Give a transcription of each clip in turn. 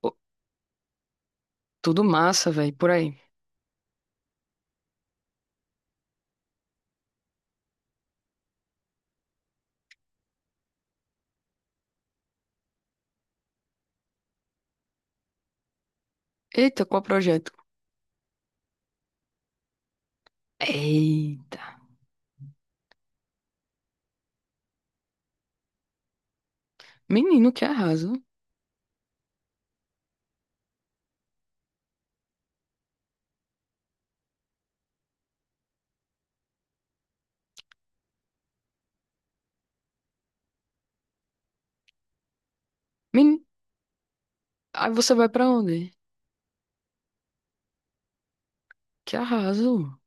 Pô, tudo massa, velho, por aí. Eita, qual projeto? Eita. Menino, que arraso. Menino, aí você vai pra onde? Que arraso.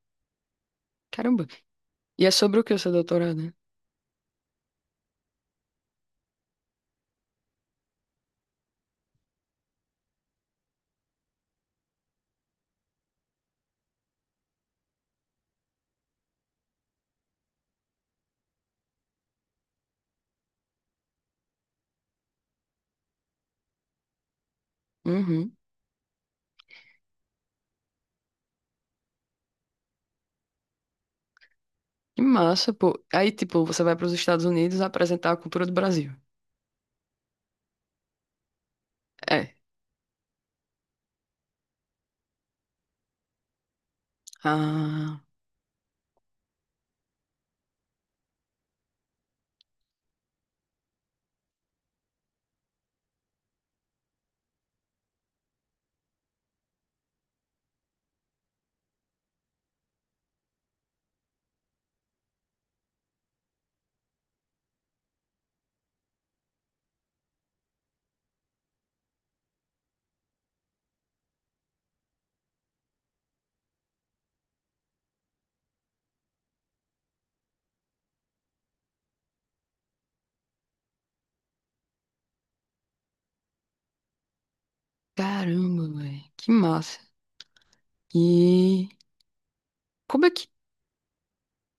Caramba. E é sobre o que o seu doutorado, né? Uhum. Que massa, pô. Aí, tipo, você vai pros Estados Unidos apresentar a cultura do Brasil. É. Ah, caramba, velho. Que massa. E como é que...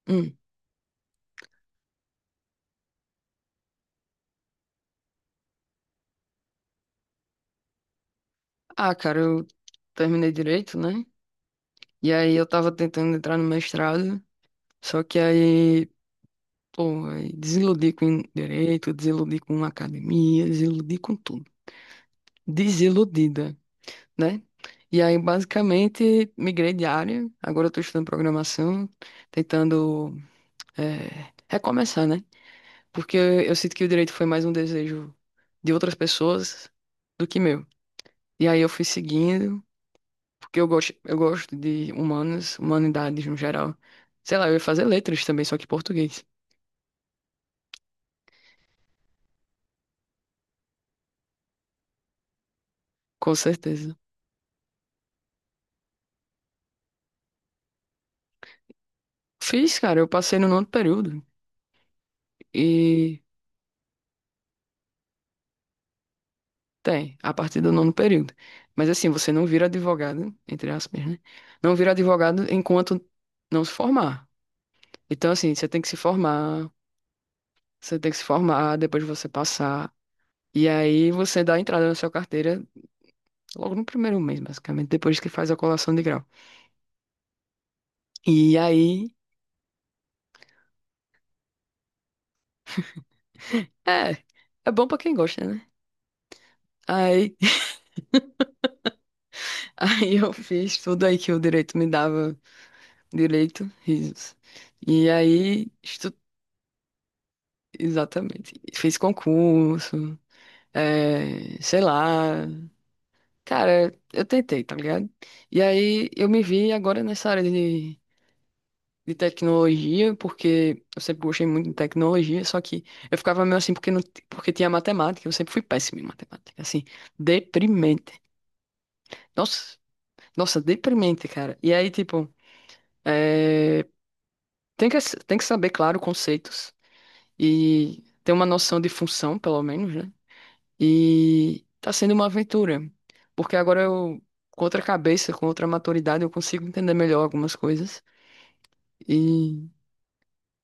Hum. Ah, cara, eu terminei direito, né? E aí eu tava tentando entrar no mestrado, só que aí... Pô, aí desiludi com direito, desiludi com academia, desiludi com tudo. Desiludida, né? E aí, basicamente, migrei de área. Agora eu tô estudando programação, tentando recomeçar, né? Porque eu sinto que o direito foi mais um desejo de outras pessoas do que meu. E aí eu fui seguindo, porque eu gosto de humanas, humanidades no geral. Sei lá, eu ia fazer letras também, só que português, com certeza. Fiz, cara, eu passei no nono período. E tem, a partir do nono período. Mas assim, você não vira advogado, entre aspas, né? Não vira advogado enquanto não se formar. Então, assim, você tem que se formar, você tem que se formar, depois você passar. E aí você dá a entrada na sua carteira logo no primeiro mês, basicamente, depois que faz a colação de grau. E aí, é, é bom pra quem gosta, né? Aí, aí eu fiz tudo aí que o direito me dava direito, risos. E aí, estu- exatamente. Fiz concurso, é, sei lá. Cara, eu tentei, tá ligado? E aí eu me vi agora nessa área de tecnologia, porque eu sempre gostei muito de tecnologia, só que eu ficava meio assim porque, não, porque tinha matemática, eu sempre fui péssimo em matemática, assim, deprimente. Nossa, nossa, deprimente, cara. E aí, tipo, é, tem que, tem que saber, claro, conceitos e ter uma noção de função, pelo menos, né? E tá sendo uma aventura, porque agora eu, com outra cabeça, com outra maturidade, eu consigo entender melhor algumas coisas. E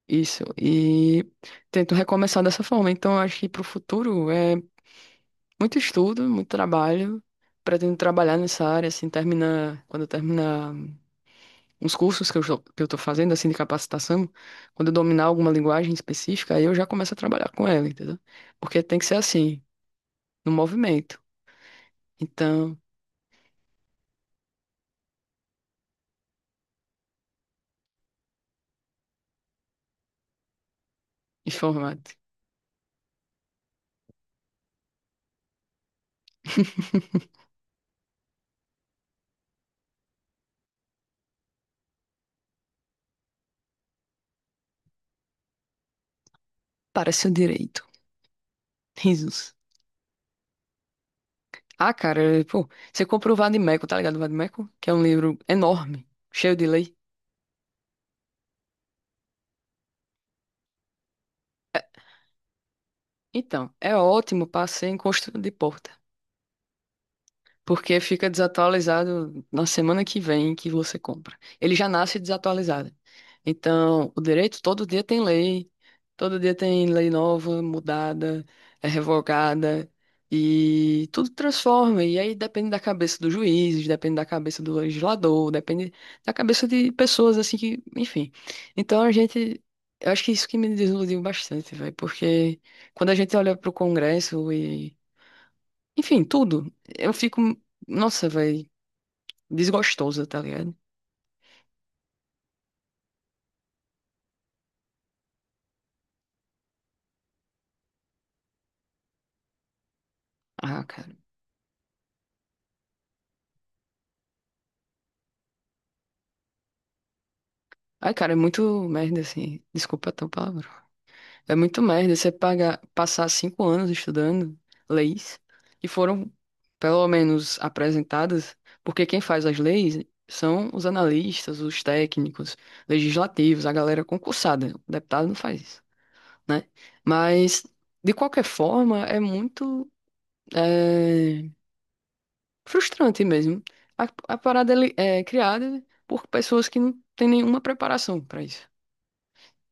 isso, e tento recomeçar dessa forma. Então, eu acho que pro futuro é muito estudo, muito trabalho. Pretendo trabalhar nessa área, assim, terminar, quando eu terminar uns cursos que eu, jo- que eu tô fazendo, assim, de capacitação, quando eu dominar alguma linguagem específica, aí eu já começo a trabalhar com ela, entendeu? Porque tem que ser assim, no movimento. Então, informática. Para seu direito. Risos. Ah, cara, pô, você comprou o Vademécum, tá ligado? O Vademécum, que é um livro enorme, cheio de lei. Então, é ótimo para ser em construção de porta. Porque fica desatualizado na semana que vem que você compra. Ele já nasce desatualizado. Então, o direito todo dia tem lei, todo dia tem lei nova, mudada, é revogada e tudo transforma. E aí depende da cabeça do juiz, depende da cabeça do legislador, depende da cabeça de pessoas assim que, enfim. Então a gente eu acho que isso que me desiludiu bastante, velho, porque quando a gente olha para o Congresso enfim, tudo. Eu fico, nossa, velho, desgostosa, tá ligado? Ah, cara. Ai, cara, é muito merda, assim. Desculpa até o palavrão. É muito merda você pagar, passar 5 anos estudando leis e foram, pelo menos, apresentadas, porque quem faz as leis são os analistas, os técnicos, legislativos, a galera concursada. O deputado não faz isso, né? Mas, de qualquer forma, é muito. eh, Frustrante mesmo. A parada ele é criada por pessoas que não têm nenhuma preparação para isso,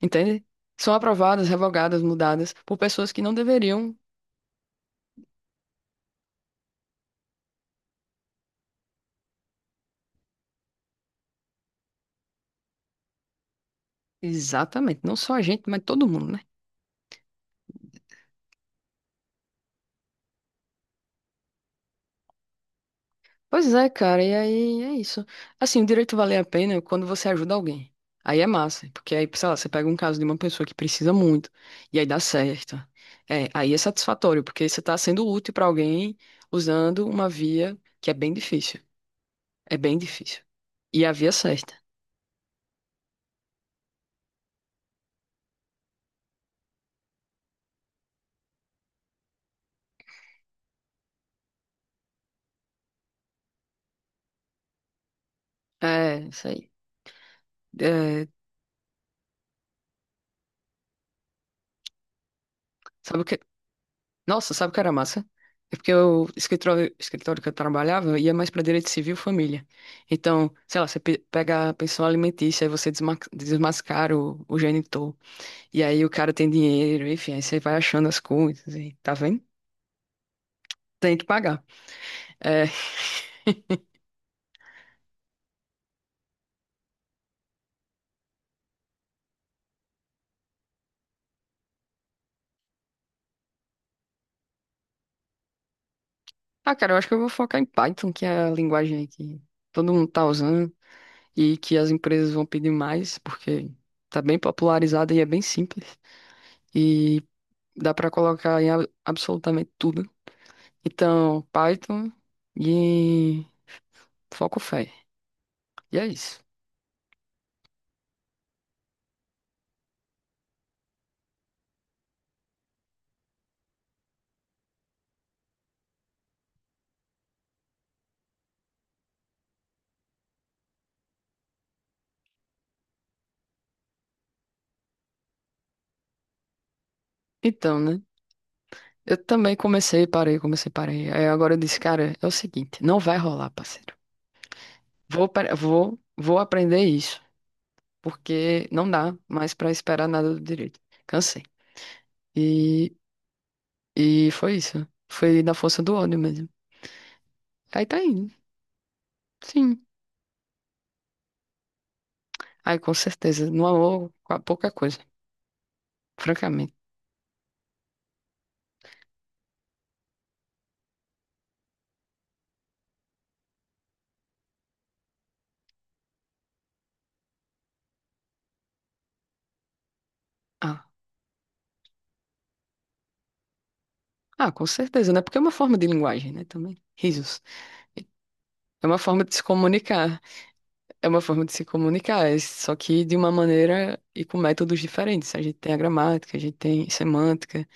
entende? São aprovadas, revogadas, mudadas por pessoas que não deveriam. Exatamente, não só a gente, mas todo mundo, né? Pois é, cara, e aí é isso. Assim, o direito vale a pena é quando você ajuda alguém. Aí é massa, porque aí, sei lá, você pega um caso de uma pessoa que precisa muito, e aí dá certo. É, aí é satisfatório, porque você está sendo útil para alguém usando uma via que é bem difícil. É bem difícil. E havia cesta. É, isso aí. É, sabe o que? Nossa, sabe o que era massa? É porque o escritório, escritório que eu trabalhava ia mais para direito civil e família. Então, sei lá, você pe- pega a pensão alimentícia, aí você desma- desmascara o genitor. E aí o cara tem dinheiro, enfim, aí você vai achando as coisas, e, tá vendo? Tem que pagar. É, ah, cara, eu acho que eu vou focar em Python, que é a linguagem aí que todo mundo tá usando. E que as empresas vão pedir mais, porque tá bem popularizada e é bem simples. E dá para colocar em a- absolutamente tudo. Então, Python e foco fé. E é isso. Então, né? Eu também comecei, parei, comecei, parei. Aí agora eu disse, cara, é o seguinte, não vai rolar, parceiro. Vou, pe- vou aprender isso, porque não dá mais para esperar nada do direito. Cansei. E, e foi isso. Foi na força do ódio mesmo. Aí tá indo. Sim. Aí com certeza. No amor, qua- pouca coisa, francamente. Ah, ah, com certeza, né? Porque é uma forma de linguagem, né? Também. Risos. É uma forma de se comunicar. É uma forma de se comunicar, é só que de uma maneira e com métodos diferentes. A gente tem a gramática, a gente tem semântica,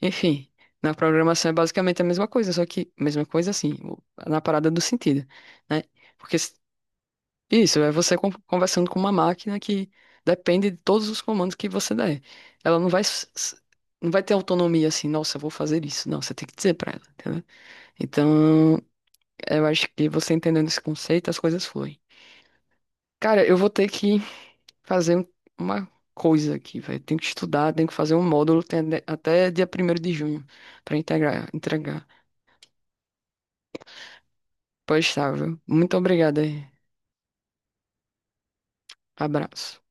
enfim. Na programação é basicamente a mesma coisa, só que mesma coisa assim, o- na parada do sentido, né? Porque isso, é você con- conversando com uma máquina que depende de todos os comandos que você der. Ela não vai, s- s- não vai ter autonomia assim, nossa, eu vou fazer isso. Não, você tem que dizer pra ela, entendeu? Então, eu acho que você entendendo esse conceito, as coisas fluem. Cara, eu vou ter que fazer um- uma coisa aqui, velho. Tenho que estudar, tenho que fazer um módulo tem ade- até dia primeiro de junho pra integrar, entregar. Pois tá, viu? Muito obrigada. Aí. Abraço.